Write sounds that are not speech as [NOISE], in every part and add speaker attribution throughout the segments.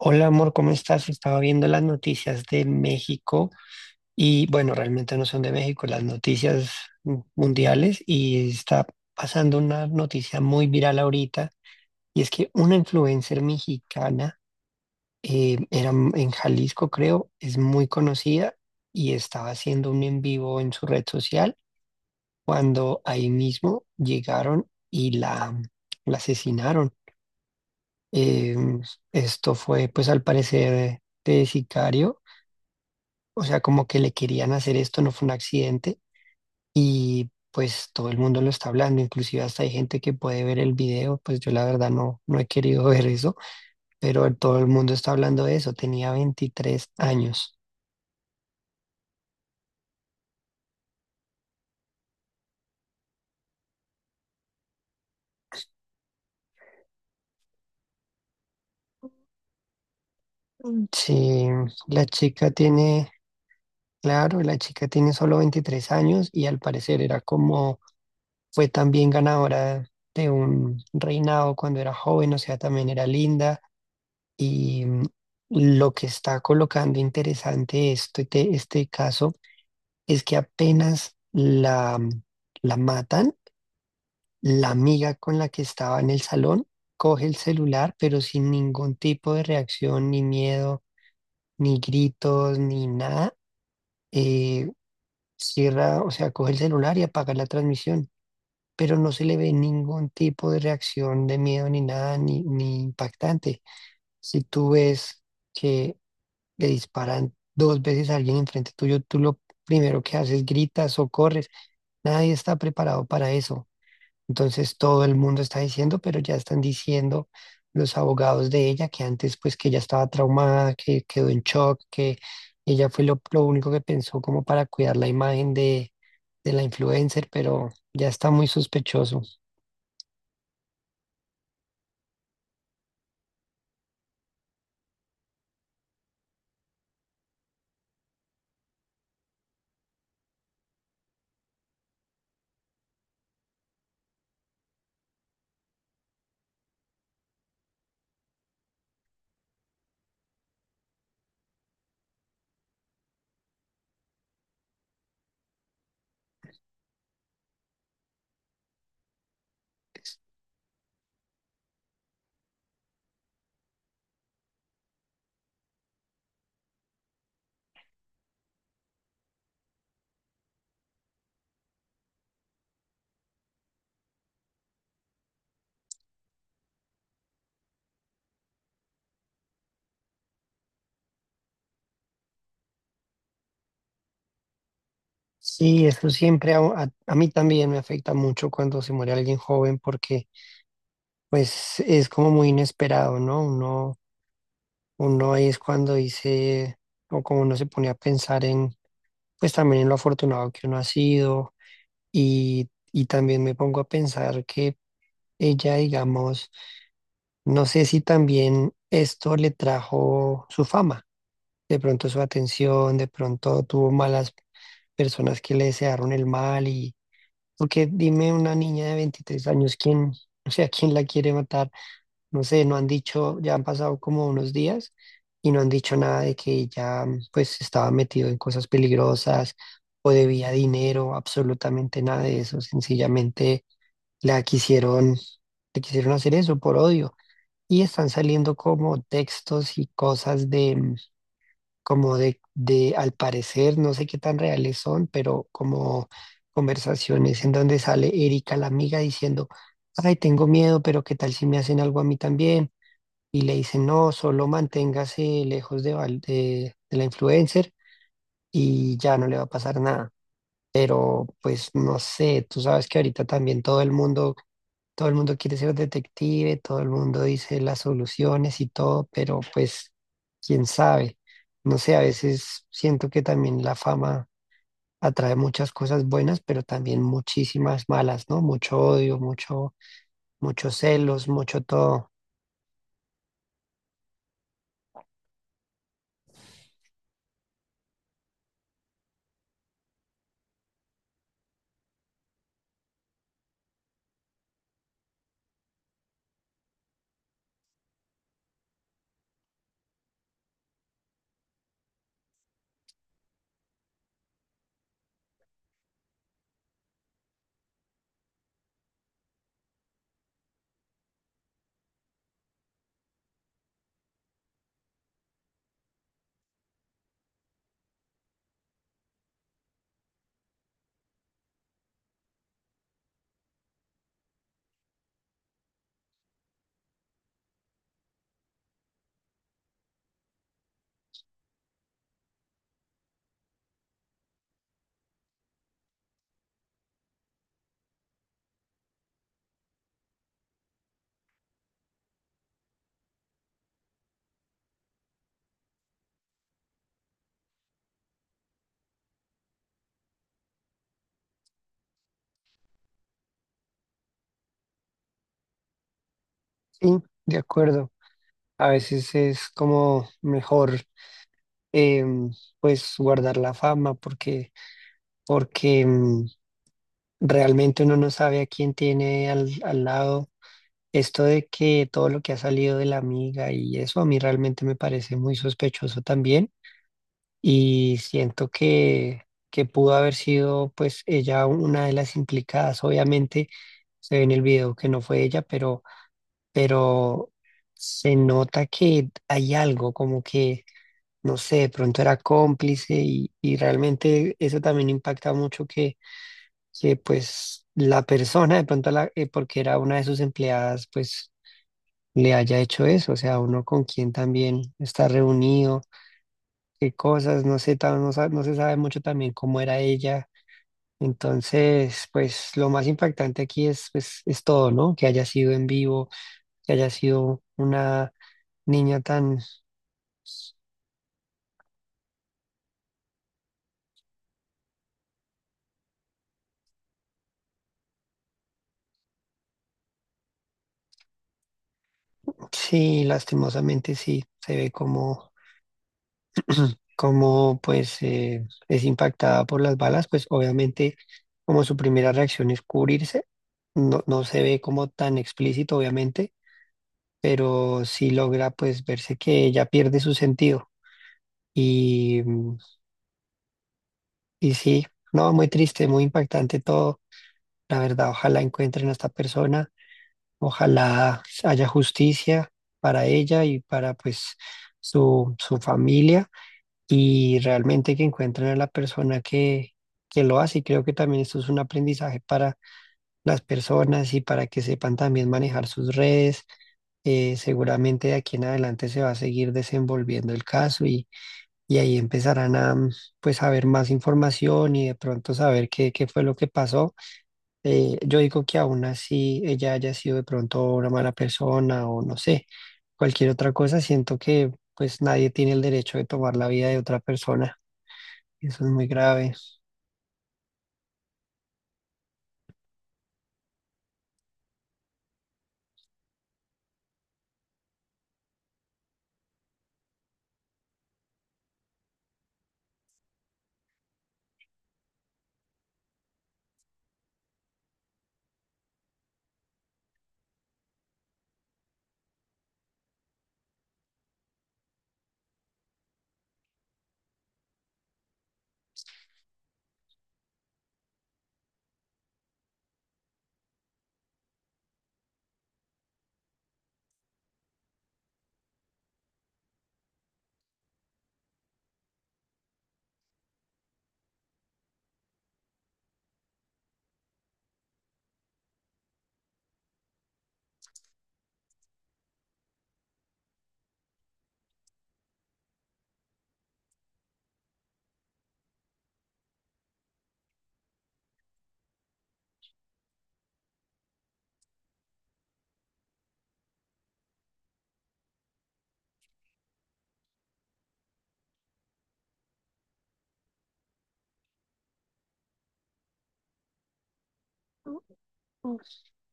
Speaker 1: Hola amor, ¿cómo estás? Estaba viendo las noticias de México y bueno, realmente no son de México, las noticias mundiales y está pasando una noticia muy viral ahorita, y es que una influencer mexicana, era en Jalisco creo, es muy conocida y estaba haciendo un en vivo en su red social cuando ahí mismo llegaron y la, la asesinaron. Em, Esto fue, pues, al parecer de sicario. O sea, como que le querían hacer esto, no fue un accidente, y pues todo el mundo lo está hablando, inclusive hasta hay gente que puede ver el video. Pues yo la verdad no, no he querido [LAUGHS] ver eso, pero todo el mundo está hablando de eso. Tenía 23 años. Mm. Sí, la chica tiene, claro, la chica tiene solo 23 años y al parecer era como, fue también ganadora de un reinado cuando era joven, o sea, también era linda. Y lo que está colocando interesante este caso es que apenas la, la matan, la amiga con la que estaba en el salón coge el celular, pero sin ningún tipo de reacción, ni miedo, ni gritos, ni nada. eh, Cierra, o sea, coge el celular y apaga la transmisión, pero no se le ve ningún tipo de reacción de miedo, ni nada, ni impactante. Si tú ves que le disparan dos veces a alguien enfrente tuyo, tú lo primero que haces, gritas o corres. Nadie está preparado para eso. Entonces todo el mundo está diciendo, pero ya están diciendo los abogados de ella que antes, pues que ella estaba traumada, que quedó en shock, que ella fue lo único que pensó como para cuidar la imagen de la influencer, pero ya está muy sospechoso. Sí, eso siempre a mí también me afecta mucho cuando se muere alguien joven, porque pues es como muy inesperado, ¿no? Uno ahí es cuando dice, o como uno se pone a pensar en, pues también en lo afortunado que uno ha sido, y también me pongo a pensar que ella, digamos, no sé si también esto le trajo su fama, de pronto su atención, de pronto tuvo malas personas que le desearon el mal, y porque dime una niña de 23 años, ¿quién, o sea, quién la quiere matar? No sé, no han dicho, ya han pasado como unos días y no han dicho nada de que ya pues estaba metido en cosas peligrosas o debía dinero, absolutamente nada de eso. Sencillamente la quisieron, le quisieron hacer eso por odio, y están saliendo como textos y cosas de como de al parecer, no sé qué tan reales son, pero como conversaciones en donde sale Erika la amiga diciendo: "Ay, tengo miedo, pero ¿qué tal si me hacen algo a mí también?" Y le dicen: "No, solo manténgase lejos de, de la influencer y ya no le va a pasar nada". Pero pues no sé, tú sabes que ahorita también todo el mundo quiere ser detective, todo el mundo dice las soluciones y todo, pero pues quién sabe. No sé, a veces siento que también la fama atrae muchas cosas buenas, pero también muchísimas malas, ¿no? Mucho odio, mucho, muchos celos, mucho todo. Sí, de acuerdo. A veces es como mejor em, pues guardar la fama, porque, porque realmente uno no sabe a quién tiene al lado. Esto de que todo lo que ha salido de la amiga y eso a mí realmente me parece muy sospechoso también, y siento que pudo haber sido pues ella una de las implicadas. Obviamente se ve en el video que no fue ella, pero se nota que hay algo como que no sé, de pronto era cómplice y realmente eso también impacta mucho que pues la persona de pronto, la, porque era una de sus empleadas, pues le haya hecho eso, o sea, uno con quien también está reunido, qué cosas, no sé, no, no se sabe mucho también cómo era ella. Entonces, pues lo más impactante aquí es, pues, es todo, ¿no? Que haya sido en vivo, que haya sido una niña tan, sí, lastimosamente sí, se ve como pues es impactada por las balas. Pues obviamente como su primera reacción es cubrirse, no, no se ve como tan explícito obviamente, pero sí logra pues verse que ella pierde su sentido y, y sí, no, muy triste, muy impactante todo, la verdad. Ojalá encuentren a esta persona, ojalá haya justicia para ella y para pues su familia, y realmente que encuentren a la persona que lo hace. Y creo que también esto es un aprendizaje para las personas y para que sepan también manejar sus redes. Seguramente de aquí en adelante se va a seguir desenvolviendo el caso y ahí empezarán a pues a ver más información y de pronto saber qué, qué fue lo que pasó. Yo digo que aún así ella haya sido de pronto una mala persona o no sé, cualquier otra cosa, siento que pues nadie tiene el derecho de tomar la vida de otra persona. Eso es muy grave.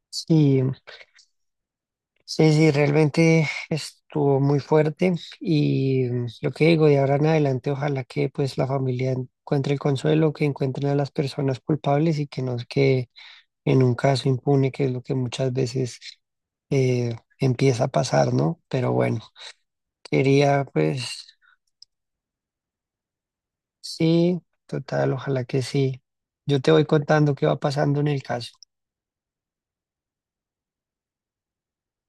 Speaker 1: Sí, sí, sí, realmente estuvo muy fuerte y, lo que digo, de ahora en adelante, ojalá que pues la familia encuentre el consuelo, que encuentren a las personas culpables y que no se quede en un caso impune, que es lo que muchas veces empieza a pasar, ¿no? Pero bueno, quería pues sí, total, ojalá que sí. Yo te voy contando qué va pasando en el caso.